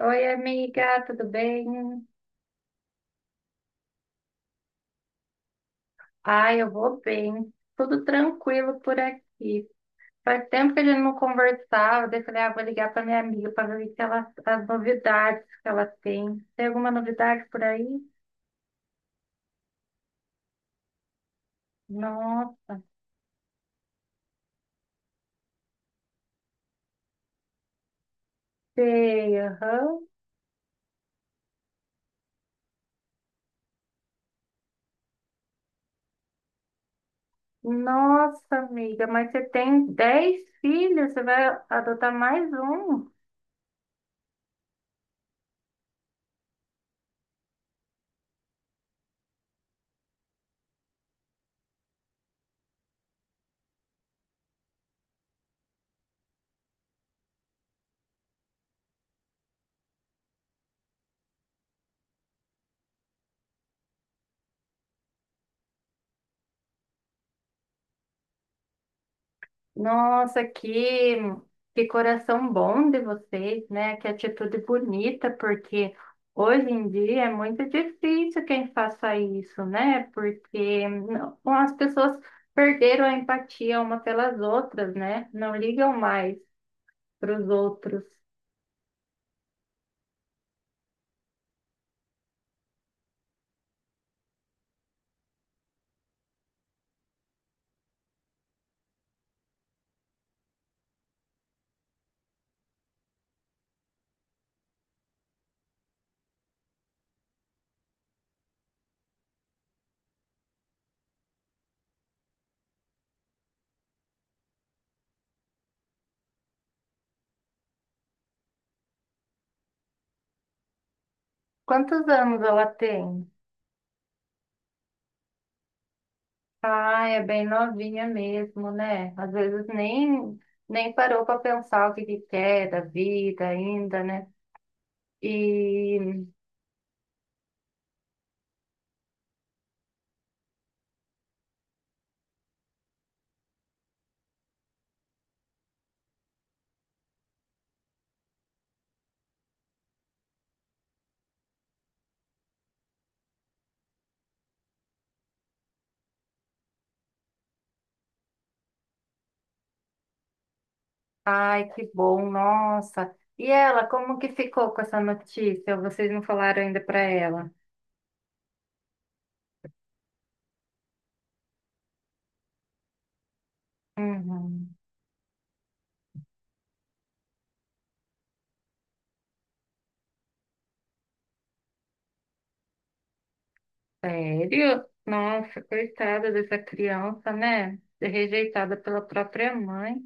Oi, amiga, tudo bem? Ai, eu vou bem. Tudo tranquilo por aqui. Faz tempo que a gente não conversava, daí eu falei, ah, vou ligar para minha amiga para ver o que ela, as novidades que ela tem. Tem alguma novidade por aí? Nossa, sei, aham. Nossa, amiga, mas você tem 10 filhos, você vai adotar mais um? Nossa, que coração bom de vocês, né? Que atitude bonita, porque hoje em dia é muito difícil quem faça isso, né? Porque não- as pessoas perderam a empatia uma pelas outras, né? Não ligam mais para os outros. Quantos anos ela tem? Ah, é bem novinha mesmo, né? Às vezes nem parou para pensar o que que quer da vida ainda, né? E ai, que bom, nossa. E ela, como que ficou com essa notícia? Vocês não falaram ainda para ela? Uhum. Sério? Nossa, coitada dessa criança, né? Rejeitada pela própria mãe.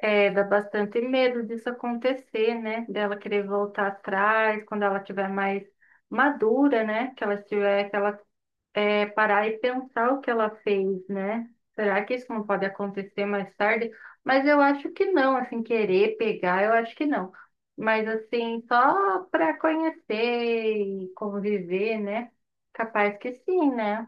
É, dá bastante medo disso acontecer, né? Dela querer voltar atrás quando ela tiver mais madura, né? Que ela tiver, que ela é, parar e pensar o que ela fez, né? Será que isso não pode acontecer mais tarde? Mas eu acho que não, assim, querer pegar, eu acho que não. Mas assim, só para conhecer e conviver, né? Capaz que sim, né?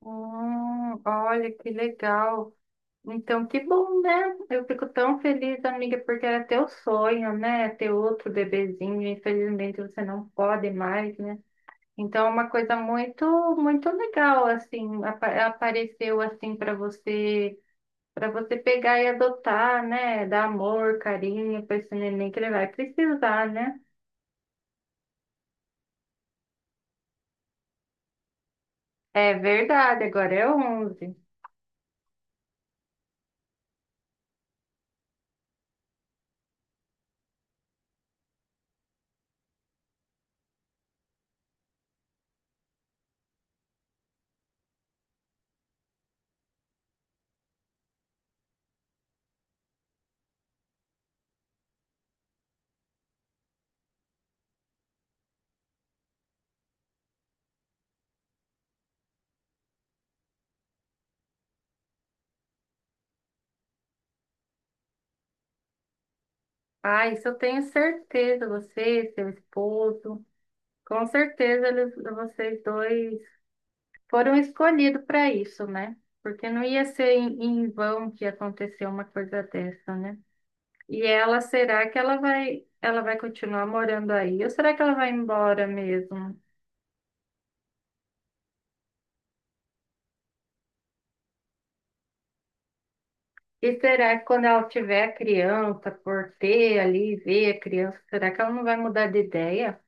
Olha que legal. Então, que bom, né? Eu fico tão feliz, amiga, porque era teu sonho, né? Ter outro bebezinho. Infelizmente, você não pode mais, né? Então, é uma coisa muito legal, assim, apa- apareceu assim para você pegar e adotar, né? Dar amor, carinho para esse neném que ele vai precisar, né? É verdade, agora é 11. Ah, isso eu tenho certeza, você, seu esposo, com certeza eles, vocês dois foram escolhidos para isso, né? Porque não ia ser em vão que aconteceu uma coisa dessa, né? E ela, será que ela vai continuar morando aí? Ou será que ela vai embora mesmo? E será que quando ela tiver a criança, por ter ali, ver a criança, será que ela não vai mudar de ideia?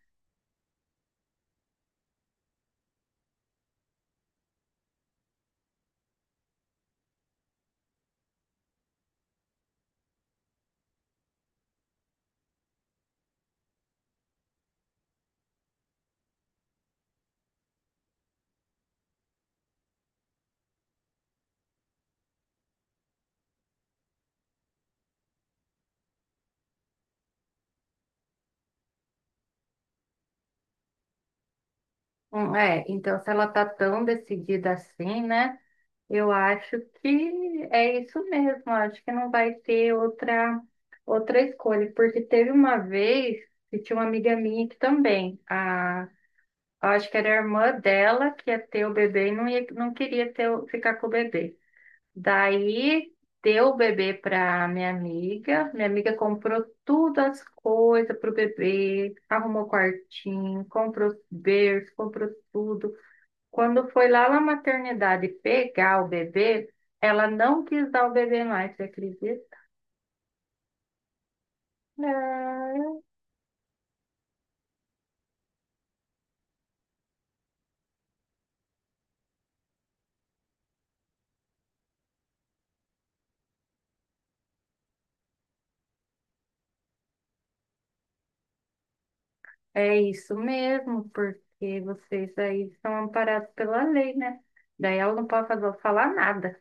É, então se ela tá tão decidida assim, né? Eu acho que é isso mesmo. Eu acho que não vai ter outra escolha. Porque teve uma vez que tinha uma amiga minha que também, a eu acho que era a irmã dela que ia ter o bebê e não, ia, não queria ter, o- ficar com o bebê. Daí deu o bebê para minha amiga. Minha amiga comprou todas as coisas pro bebê, arrumou quartinho, comprou berço, comprou tudo. Quando foi lá na maternidade pegar o bebê, ela não quis dar o bebê mais, você acredita? É isso mesmo, porque vocês aí são amparados pela lei, né? Daí ela não pode fazer, falar nada.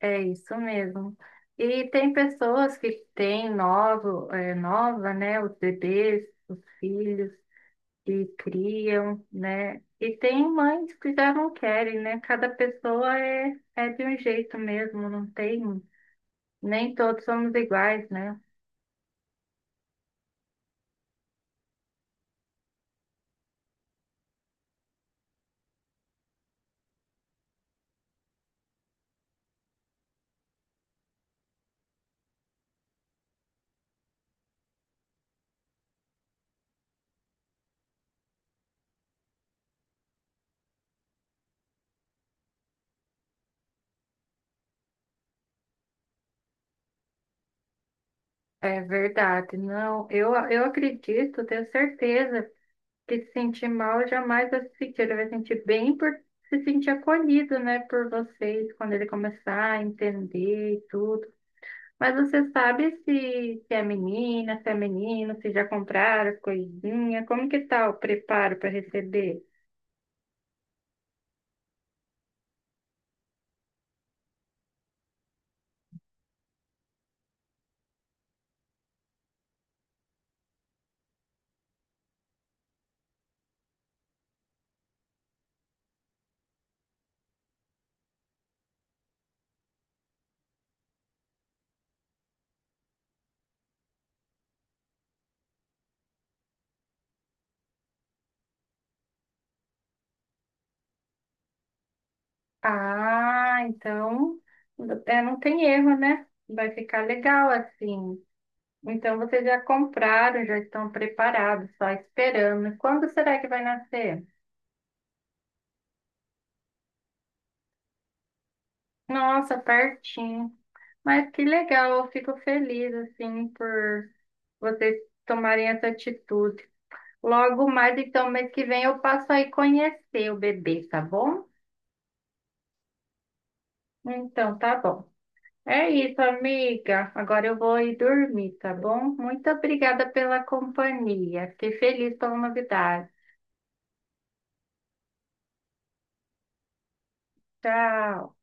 É isso mesmo. E tem pessoas que têm novo, é, nova, né? Os bebês, os filhos, e criam, né? E tem mães que já não querem, né? Cada pessoa é de um jeito mesmo, não tem. Nem todos somos iguais, né? É verdade. Não, eu acredito, tenho certeza que se sentir mal jamais vai se sentir, ele vai sentir bem por se sentir acolhido, né, por vocês, quando ele começar a entender e tudo. Mas você sabe se é menina, se é menino, se já compraram as coisinhas, como que tá o preparo para receber? Ah, então é, não tem erro, né? Vai ficar legal assim. Então vocês já compraram, já estão preparados, só esperando. Quando será que vai nascer? Nossa, pertinho. Mas que legal, eu fico feliz assim por vocês tomarem essa atitude. Logo mais, então, mês que vem eu passo aí conhecer o bebê, tá bom? Então, tá bom. É isso, amiga. Agora eu vou ir dormir, tá bom? Muito obrigada pela companhia. Fiquei feliz pela novidade. Tchau.